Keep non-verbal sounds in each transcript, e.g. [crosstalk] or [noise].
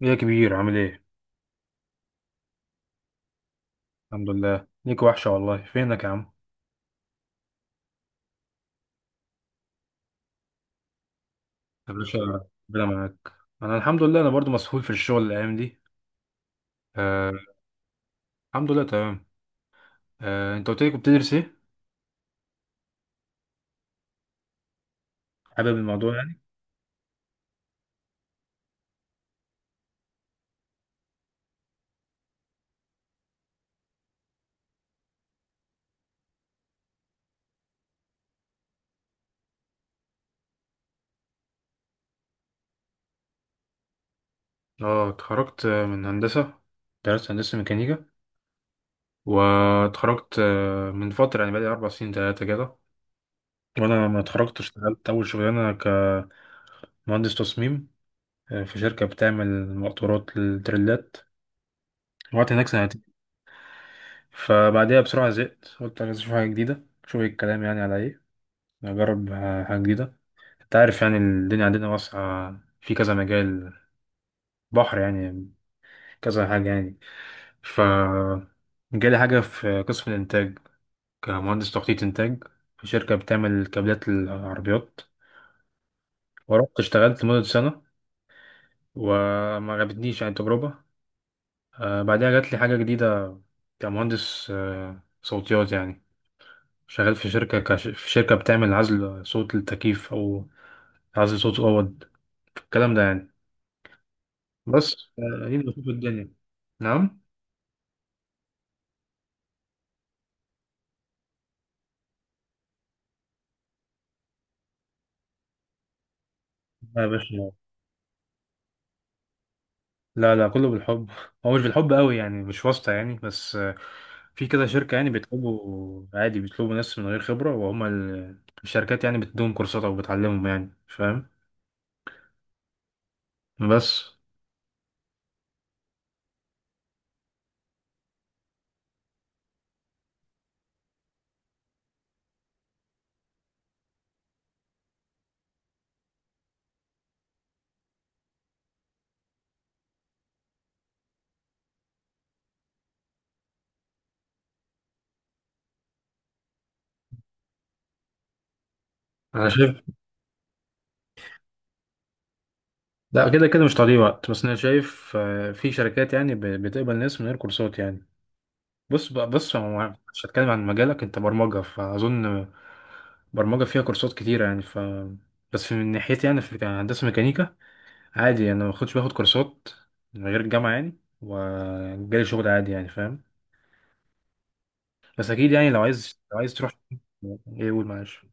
يا كبير عامل ايه؟ الحمد لله، ليك وحشة والله. فينك يا عم؟ يا باشا، ربنا معاك. انا الحمد لله، انا برضو مسحول في الشغل الايام دي. آه، الحمد لله تمام. آه، انت قلت لي كنت بتدرس ايه؟ حابب الموضوع يعني؟ اه اتخرجت، من هندسة. درست هندسة ميكانيكا واتخرجت من فترة يعني، بقالي أربع سنين تلاتة كده. وأنا لما اتخرجت اشتغلت أول شغلانة كمهندس تصميم، في شركة بتعمل مقطورات للتريلات. وقعدت هناك سنتين. فبعديها بسرعة زهقت، قلت عايز أشوف حاجة جديدة، أشوف إيه الكلام يعني على إيه. أجرب حاجة جديدة. أنت عارف يعني الدنيا عندنا واسعة في كذا مجال، بحر يعني، كذا حاجة يعني. ف جالي حاجة في قسم الإنتاج، كمهندس تخطيط إنتاج، في شركة بتعمل كابلات العربيات. ورحت اشتغلت لمدة سنة، وما عجبتنيش يعني التجربة. بعدها جات لي حاجة جديدة كمهندس صوتيات يعني، شغال في شركة في شركة بتعمل عزل صوت للتكييف أو عزل صوت أوض، الكلام ده يعني. بس يبقى شوف الدنيا. نعم. لا يا باشا. لا لا، كله بالحب. [laughs] هو مش بالحب قوي يعني، مش واسطة يعني، بس آه، في كده شركة يعني بيطلبوا عادي، بيطلبوا ناس من غير خبرة، وهما الشركات يعني بتديهم كورسات أو بتعلمهم يعني، فاهم. بس. أنا شايف. لا، كده كده مش تضييع وقت، بس أنا شايف في شركات يعني بتقبل ناس من غير كورسات يعني. بص بقى، بص، هو مش هتكلم عن مجالك، انت برمجة فأظن برمجة فيها كورسات كتيرة يعني. ف بس في من ناحيتي يعني، في هندسة ميكانيكا عادي يعني، انا ما كنتش باخد كورسات من غير الجامعة يعني، وجالي شغل عادي يعني، فاهم. بس اكيد يعني لو عايز، لو عايز تروح. ايه، قول، معلش.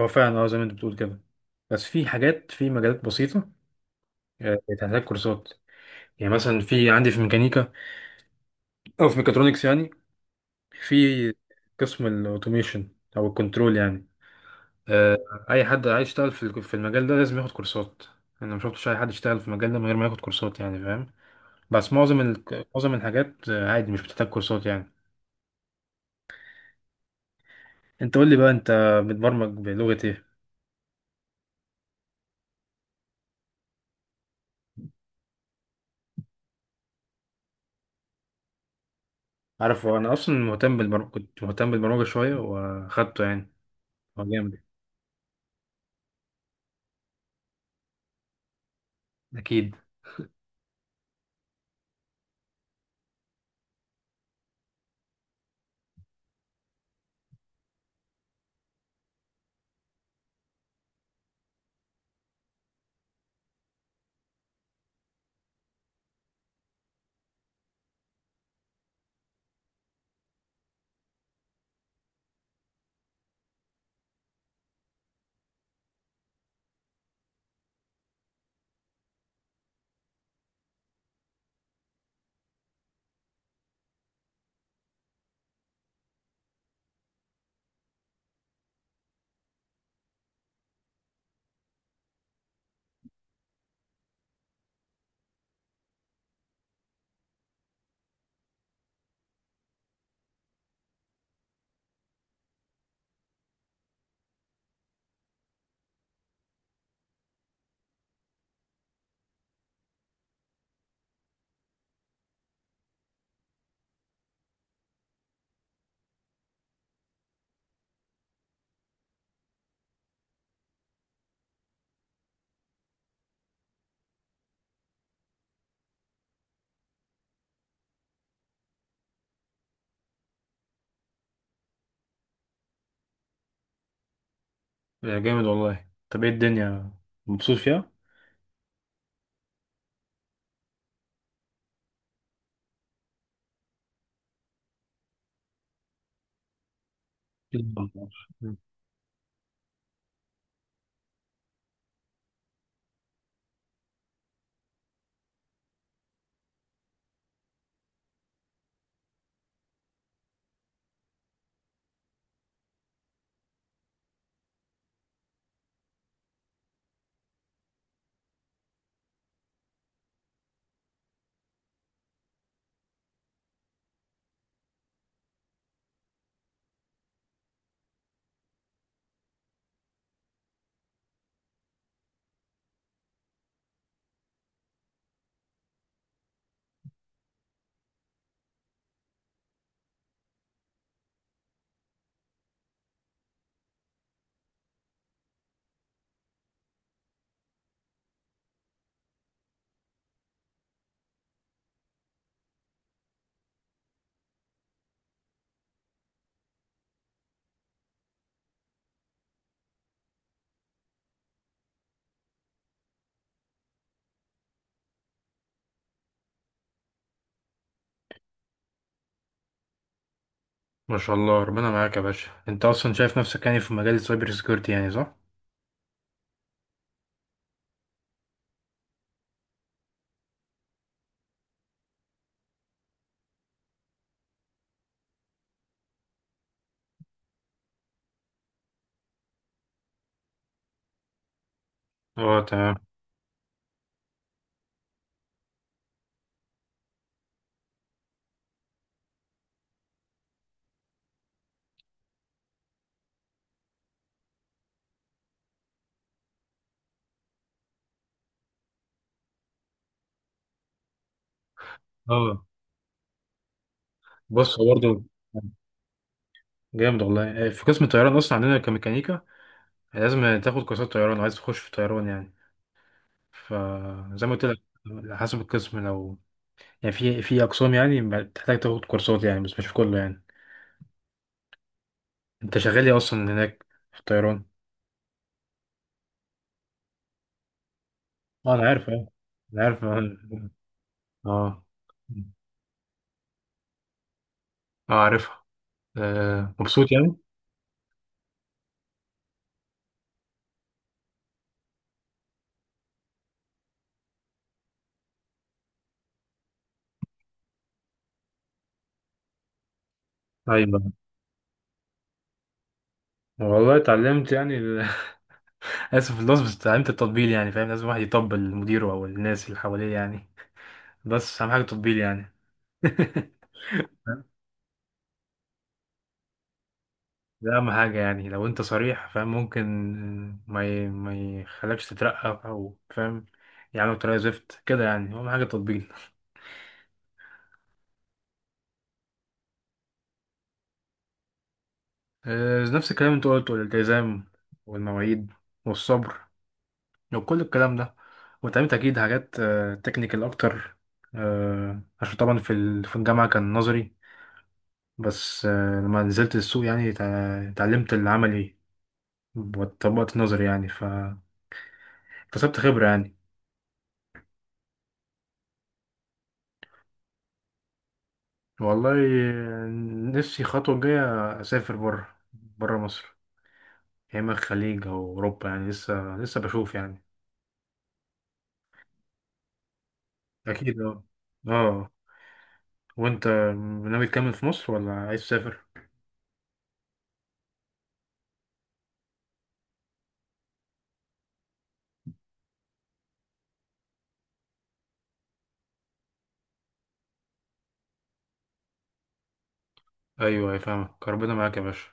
هو فعلا اه، زي ما انت بتقول كده، بس في حاجات في مجالات بسيطة بتحتاج كورسات. يعني مثلا في عندي في ميكانيكا او في ميكاترونكس يعني، في قسم الاوتوميشن او الكنترول يعني، اي حد عايز يشتغل في في المجال ده لازم ياخد كورسات. انا ما شفتش اي حد يشتغل في المجال ده من غير ما ياخد كورسات يعني، فاهم. بس معظم معظم الحاجات عادي مش بتحتاج كورسات يعني. انت قول لي بقى، انت بتبرمج بلغة ايه؟ عارف انا اصلا مهتم بالبرمجة، كنت مهتم بالبرمجة شوية واخدته يعني. هو جامد. اكيد. آه، جامد والله. طب ايه الدنيا، مبسوط فيها؟ [laughs] مم. ما شاء الله، ربنا معاك يا باشا. انت اصلا شايف نفسك يعني في مجال السايبر سيكيورتي يعني، صح؟ اه، تمام. اه. بص هو برضه. جامد والله. في قسم الطيران اصلا عندنا كميكانيكا لازم تاخد كورسات طيران لو عايز تخش في طيران يعني. فزي ما قلت لك، على حسب القسم، لو يعني في في اقسام يعني بتحتاج تاخد كورسات يعني، بس مش في كله يعني. انت شغال ايه اصلا هناك في الطيران؟ اه انا عارف، اه، انا عارف اه. اه. آه، عارفها. آه. مبسوط يعني. ايوه. والله اتعلمت يعني [laughs] اسف في اللفظ، بس اتعلمت التطبيل يعني، فاهم. لازم واحد يطبل لمديره او الناس اللي حواليه يعني. بس اهم حاجه التطبيل يعني. ده اهم حاجه يعني، لو انت صريح فاهم، ممكن ما يخلكش تترقى او، فاهم، يعني بطريقه زفت كده يعني، اهم حاجه تطبيل. آه، نفس الكلام اللي انت قلته، الالتزام والمواعيد والصبر وكل الكلام ده. واتعلمت اكيد حاجات تكنيكال اكتر، عشان طبعا في في الجامعه كان نظري، بس لما نزلت السوق يعني اتعلمت العملي، وطبقت النظري يعني فاكتسبت خبره يعني. والله، نفسي الخطوة الجاية أسافر بره، بره مصر، يا إما الخليج أو أوروبا يعني، لسه لسه بشوف يعني. أكيد أه. أه. وأنت ناوي تكمل في مصر ولا عايز تسافر؟ أيوه، أيوة، فاهمك، ربنا معاك يا باشا.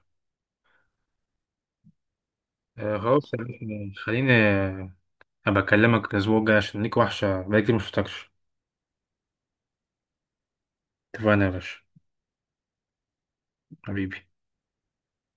آه، خلاص يا باشا، خليني أبقى أكلمك الأسبوع الجاي، عشان ليك وحشة بقالي كتير مشفتكش. اتفقنا يا باشا. حبيبي.